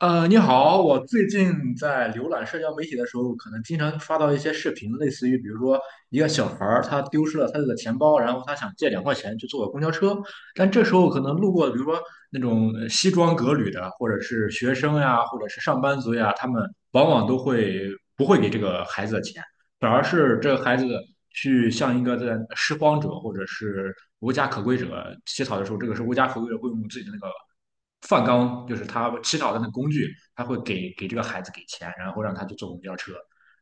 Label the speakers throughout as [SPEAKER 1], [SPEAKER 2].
[SPEAKER 1] 你好，我最近在浏览社交媒体的时候，可能经常刷到一些视频，类似于比如说一个小孩儿他丢失了他的钱包，然后他想借2块钱去坐个公交车，但这时候可能路过，比如说那种西装革履的，或者是学生呀，或者是上班族呀，他们往往都会不会给这个孩子的钱，反而是这个孩子去向一个在拾荒者或者是无家可归者乞讨的时候，这个是无家可归者会用自己的那个饭缸，就是他乞讨的那个工具，他会给这个孩子给钱，然后让他去坐公交车。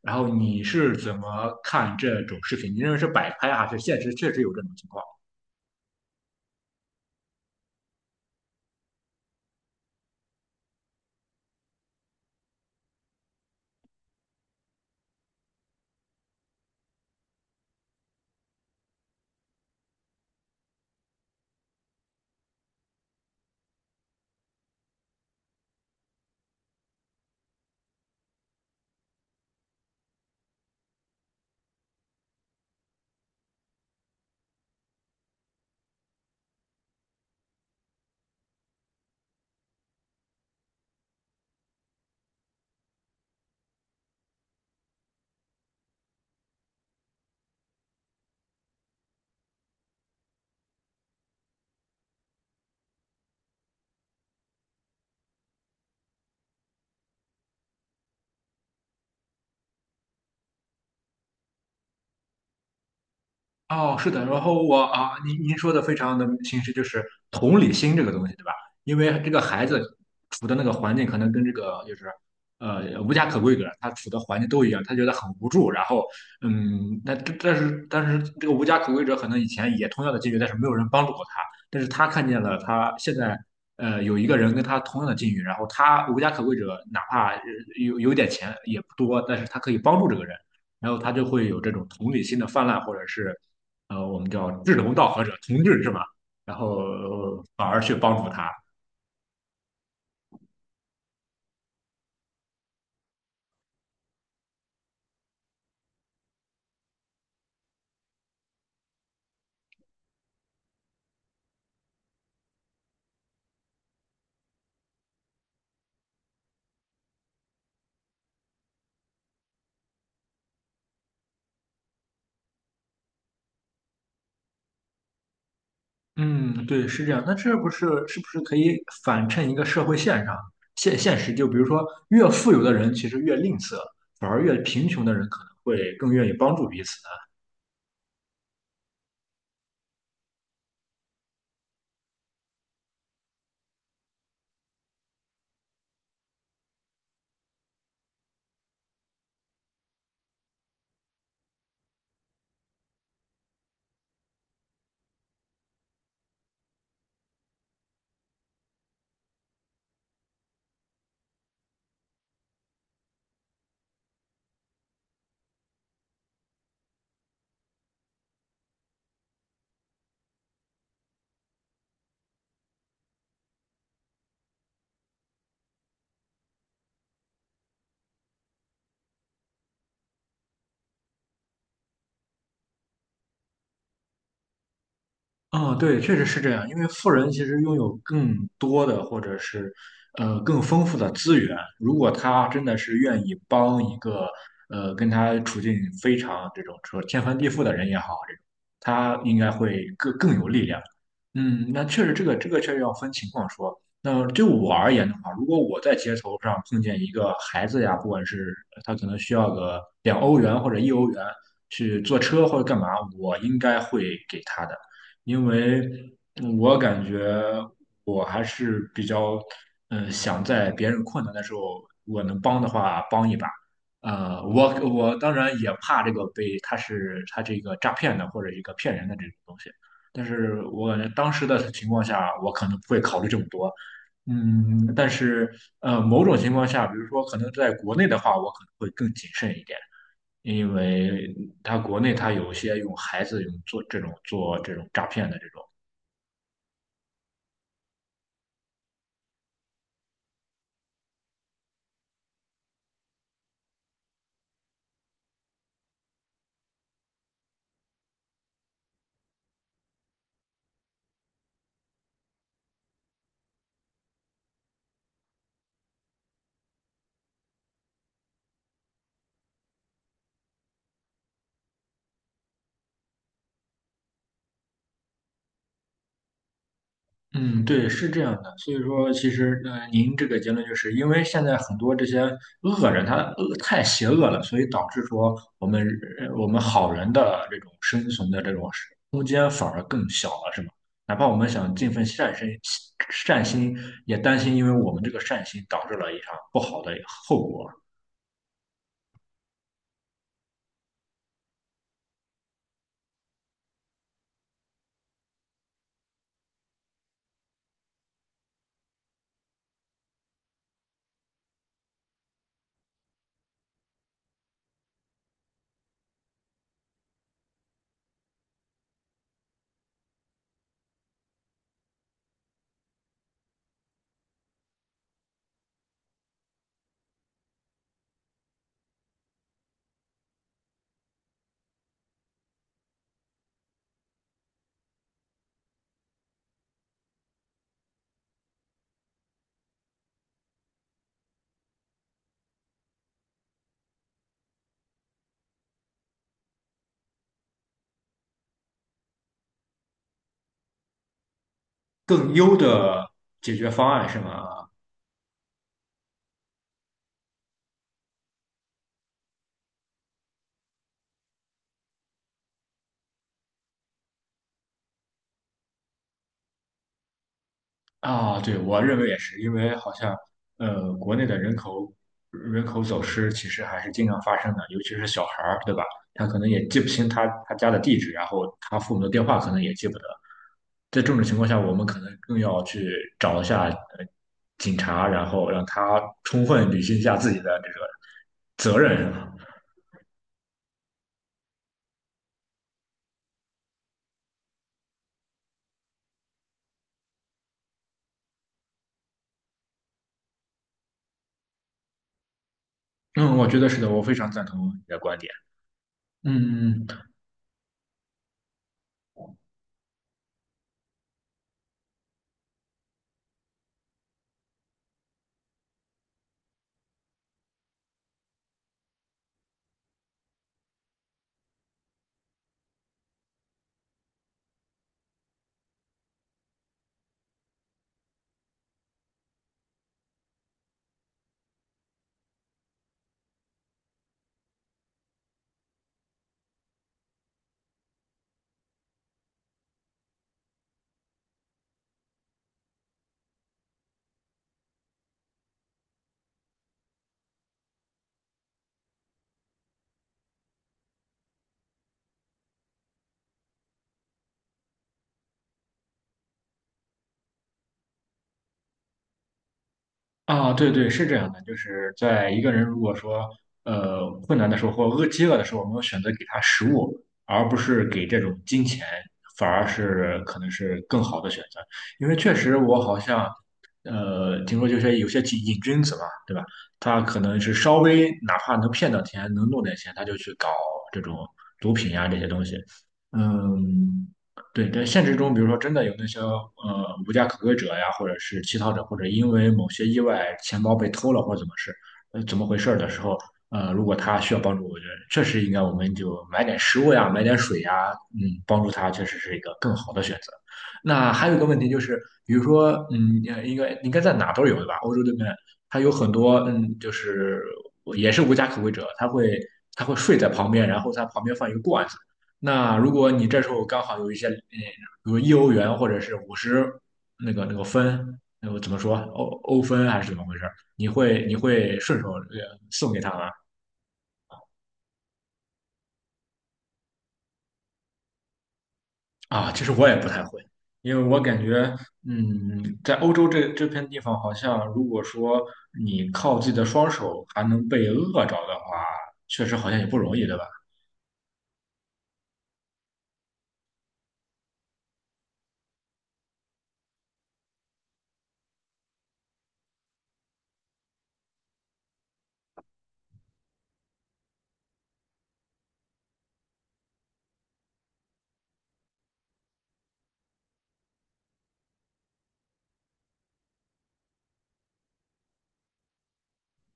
[SPEAKER 1] 然后你是怎么看这种视频？你认为是摆拍啊还是现实确实有这种情况？哦，是的，然后我啊，您说的非常的清晰，就是同理心这个东西，对吧？因为这个孩子处的那个环境可能跟这个就是无家可归者他处的环境都一样，他觉得很无助。然后嗯，那这但是这个无家可归者可能以前也同样的境遇，但是没有人帮助过他，但是他看见了他现在有一个人跟他同样的境遇，然后他无家可归者哪怕有点钱也不多，但是他可以帮助这个人。然后他就会有这种同理心的泛滥，或者是我们叫志同道合者、同志是吧？然后反而去帮助他。嗯，对，是这样。那这不是是不是可以反衬一个社会现象、现实？就比如说，越富有的人其实越吝啬，反而越贫穷的人可能会更愿意帮助彼此。啊，对，确实是这样。因为富人其实拥有更多的，或者是更丰富的资源。如果他真的是愿意帮一个跟他处境非常这种说天翻地覆的人也好，这种他应该会更有力量。嗯，那确实，这个确实要分情况说。那对我而言的话，如果我在街头上碰见一个孩子呀，不管是他可能需要个2欧元或者一欧元去坐车或者干嘛，我应该会给他的，因为我感觉我还是比较，嗯、想在别人困难的时候，我能帮的话帮一把。我当然也怕这个被他是他这个诈骗的或者一个骗人的这种东西。但是我感觉当时的情况下，我可能不会考虑这么多。嗯，但是某种情况下，比如说可能在国内的话，我可能会更谨慎一点，因为他国内他有一些用孩子用做这种诈骗的这种。嗯，对，是这样的。所以说，其实您这个结论就是因为现在很多这些恶人他恶太邪恶了，所以导致说我们好人的这种生存的这种空间反而更小了，是吗？哪怕我们想尽份善心，善心也担心，因为我们这个善心导致了一场不好的后果。更优的解决方案是吗？啊，对，我认为也是，因为好像国内的人口走失其实还是经常发生的，尤其是小孩儿，对吧？他可能也记不清他家的地址，然后他父母的电话可能也记不得。在这种情况下，我们可能更要去找一下警察，然后让他充分履行一下自己的这个责任。嗯，嗯。我觉得是非常赞同你观点。啊，对对，是这样的，就是在一个人如果说困难的时候或饥饿的时候，我们会选择给他食物，而不是给这种金钱，反而是可能是更好的选择。因为确实我好像听说就是有些瘾君子嘛，对吧？他可能是稍微哪怕能骗到钱，能弄点钱，他就去搞这种毒品呀、这些东西。嗯，对，在现实中，比如说真的有那些无家可归者呀，或者是乞讨者，或者因为某些意外钱包被偷了或者怎么事，怎么回事儿的时候，如果他需要帮助，我觉得确实应该我们就买点食物呀，买点水呀，嗯，帮助他确实是一个更好的选择。那还有一个问题就是，比如说，嗯，应该在哪都有对吧？欧洲这边它有很多，嗯，就是也是无家可归者，他会睡在旁边，然后在旁边放一个罐子。那如果你这时候刚好有一些，嗯，比如一欧元或者是50那个分，那个怎么说欧分还是怎么回事？你会顺手送给他吗？啊，其实我也不太会，因为我感觉，嗯，在欧洲这片地方，好像如果说你靠自己的双手还能被饿着的话，确实好像也不容易，对吧？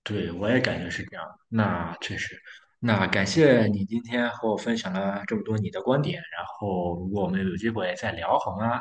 [SPEAKER 1] 对，我也感觉是这样。那确实，那感谢你今天和我分享了这么多你的观点，然后如果我们有机会再聊，好吗？